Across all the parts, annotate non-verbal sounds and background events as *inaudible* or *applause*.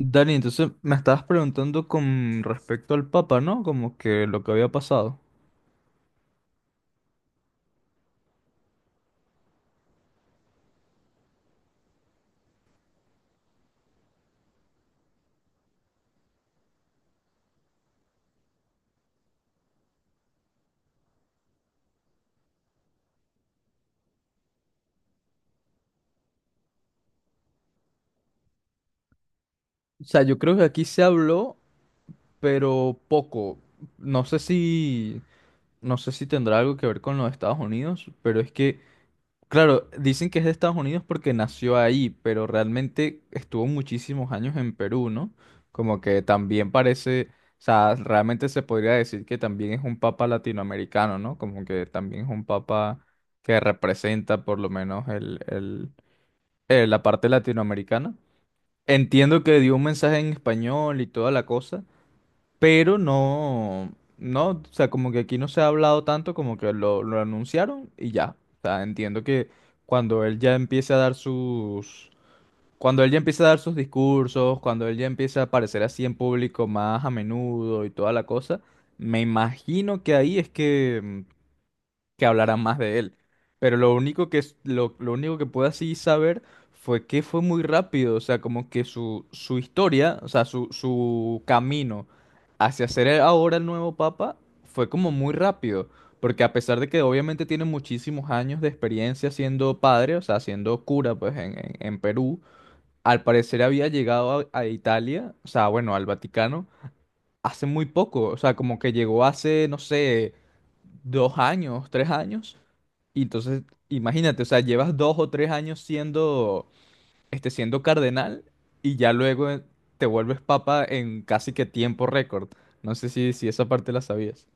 Dani, entonces me estabas preguntando con respecto al Papa, ¿no? Como que lo que había pasado. O sea, yo creo que aquí se habló, pero poco. No sé si, no sé si tendrá algo que ver con los Estados Unidos, pero es que... Claro, dicen que es de Estados Unidos porque nació ahí, pero realmente estuvo muchísimos años en Perú, ¿no? Como que también parece, o sea, realmente se podría decir que también es un papa latinoamericano, ¿no? Como que también es un papa que representa por lo menos la parte latinoamericana. Entiendo que dio un mensaje en español y toda la cosa, pero no, o sea, como que aquí no se ha hablado tanto, como que lo anunciaron y ya. O sea, entiendo que cuando él ya empiece a dar sus, cuando él ya empiece a dar sus discursos, cuando él ya empiece a aparecer así en público más a menudo y toda la cosa, me imagino que ahí es que que hablara más de él. Pero lo único que pude así saber fue que fue muy rápido, o sea, como que su historia, o sea, su camino hacia ser ahora el nuevo papa fue como muy rápido. Porque a pesar de que obviamente tiene muchísimos años de experiencia siendo padre, o sea, siendo cura, pues en Perú, al parecer había llegado a Italia, o sea, bueno, al Vaticano, hace muy poco, o sea, como que llegó hace, no sé, dos años, tres años. Y entonces, imagínate, o sea, llevas dos o tres años siendo, este, siendo cardenal y ya luego te vuelves papa en casi que tiempo récord. No sé si esa parte la sabías.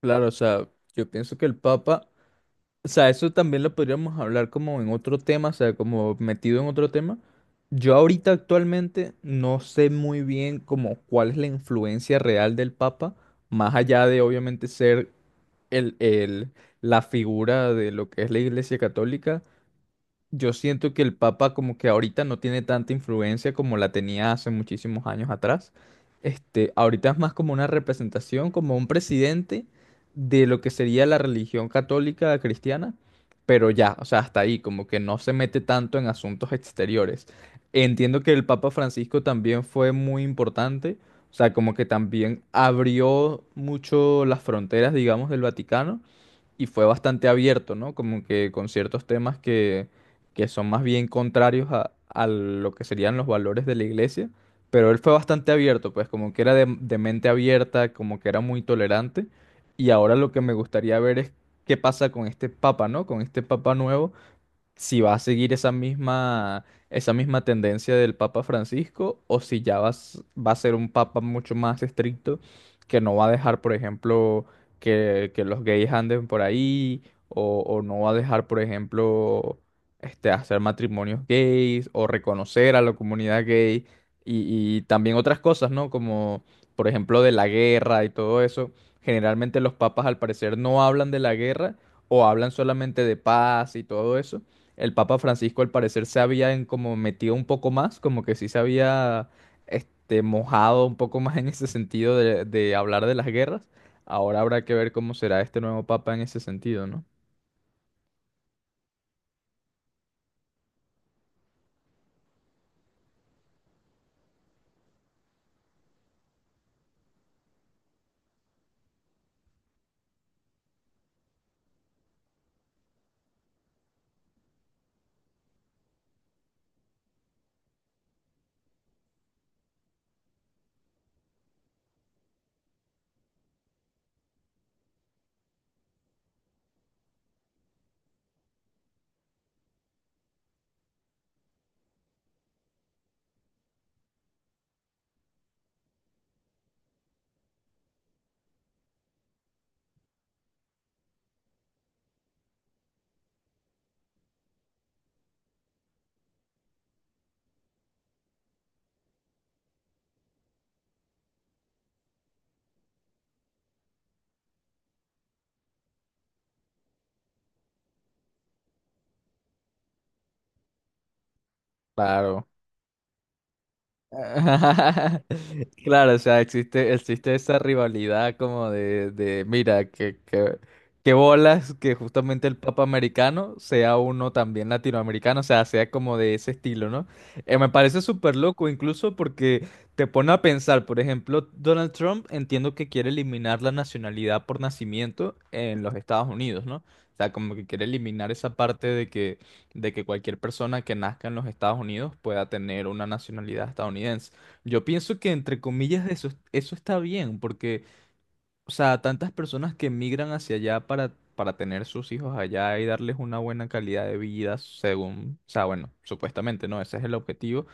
Claro, o sea, yo pienso que el papa, o sea, eso también lo podríamos hablar como en otro tema, o sea, como metido en otro tema. Yo ahorita actualmente no sé muy bien como cuál es la influencia real del papa, más allá de obviamente ser el, el, la figura de lo que es la Iglesia Católica. Yo siento que el Papa como que ahorita no tiene tanta influencia como la tenía hace muchísimos años atrás. Este, ahorita es más como una representación, como un presidente de lo que sería la religión católica cristiana, pero ya, o sea, hasta ahí, como que no se mete tanto en asuntos exteriores. Entiendo que el Papa Francisco también fue muy importante, o sea, como que también abrió mucho las fronteras, digamos, del Vaticano y fue bastante abierto, ¿no? Como que con ciertos temas que son más bien contrarios a lo que serían los valores de la iglesia, pero él fue bastante abierto, pues como que era de mente abierta, como que era muy tolerante, y ahora lo que me gustaría ver es qué pasa con este papa, ¿no? Con este papa nuevo, si va a seguir esa misma tendencia del Papa Francisco o si ya va a ser un papa mucho más estricto que no va a dejar, por ejemplo, que los gays anden por ahí o no va a dejar, por ejemplo, este, hacer matrimonios gays o reconocer a la comunidad gay y también otras cosas, ¿no? Como, por ejemplo, de la guerra y todo eso. Generalmente los papas al parecer no hablan de la guerra o hablan solamente de paz y todo eso. El Papa Francisco al parecer se había como metido un poco más, como que sí se había, este, mojado un poco más en ese sentido de hablar de las guerras. Ahora habrá que ver cómo será este nuevo Papa en ese sentido, ¿no? Claro. *laughs* Claro, o sea, existe, existe esa rivalidad como mira, que bolas que justamente el Papa americano sea uno también latinoamericano, o sea, sea como de ese estilo, ¿no? Me parece súper loco, incluso porque te pone a pensar, por ejemplo, Donald Trump entiendo que quiere eliminar la nacionalidad por nacimiento en los Estados Unidos, ¿no? O sea, como que quiere eliminar esa parte de que cualquier persona que nazca en los Estados Unidos pueda tener una nacionalidad estadounidense. Yo pienso que entre comillas eso, eso está bien, porque, o sea, tantas personas que emigran hacia allá para tener sus hijos allá y darles una buena calidad de vida, según, o sea, bueno, supuestamente, ¿no? Ese es el objetivo.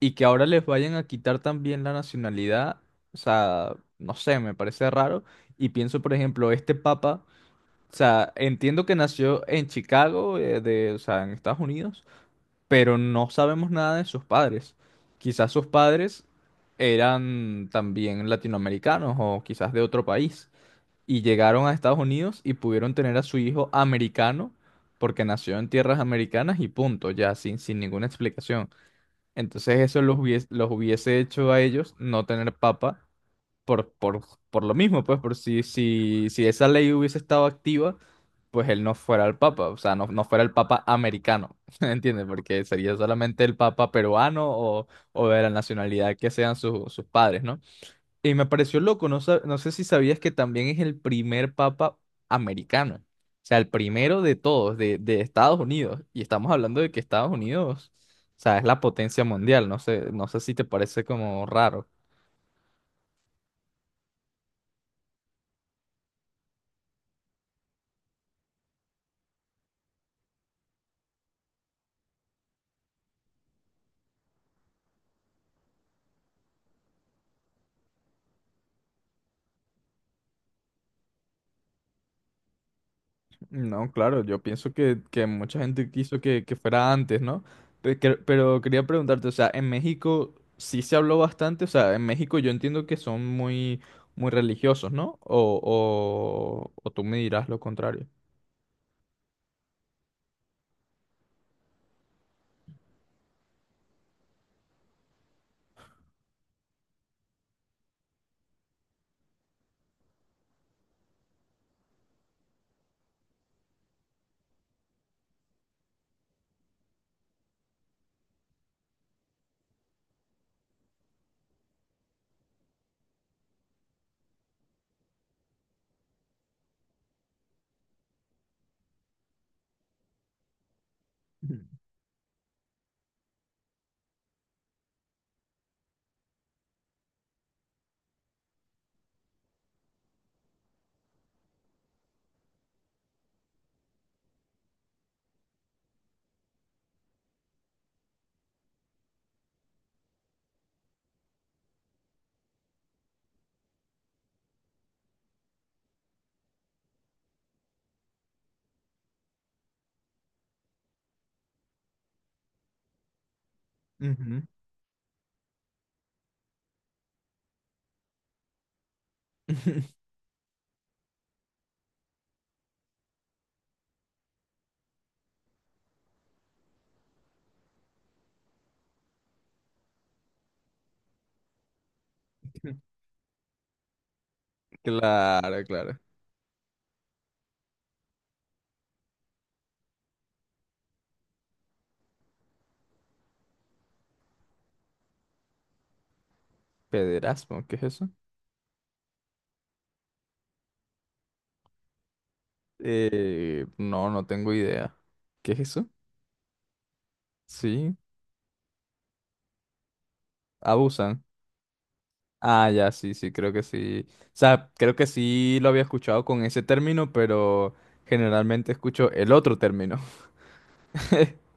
Y que ahora les vayan a quitar también la nacionalidad, o sea, no sé, me parece raro. Y pienso, por ejemplo, este papa, o sea, entiendo que nació en Chicago, o sea, en Estados Unidos, pero no sabemos nada de sus padres. Quizás sus padres eran también latinoamericanos o quizás de otro país y llegaron a Estados Unidos y pudieron tener a su hijo americano porque nació en tierras americanas y punto, ya sin ninguna explicación. Entonces eso los hubiese hecho a ellos no tener papa por, por, por lo mismo, pues, por si esa ley hubiese estado activa, pues él no fuera el papa, o sea, no fuera el papa americano, *laughs* ¿entiendes? Porque sería solamente el papa peruano o de la nacionalidad que sean sus padres, ¿no? Y me pareció loco, no sé si sabías que también es el primer papa americano, o sea, el primero de todos, de Estados Unidos, y estamos hablando de que Estados Unidos, o sea, es la potencia mundial, no sé, no sé si te parece como raro. No, claro, yo pienso que mucha gente quiso que fuera antes, ¿no? Pero, quería preguntarte, o sea, en México sí se habló bastante, o sea, en México yo entiendo que son muy, muy religiosos, ¿no? O tú me dirás lo contrario. Ujú. Ujú. *laughs* Claro, claro. Pederasmo, ¿qué es eso? No, no tengo idea. ¿Qué es eso? Sí, abusan. Ah, ya, sí, sí, creo que sí. O sea, creo que sí lo había escuchado con ese término, pero generalmente escucho el otro término. *laughs*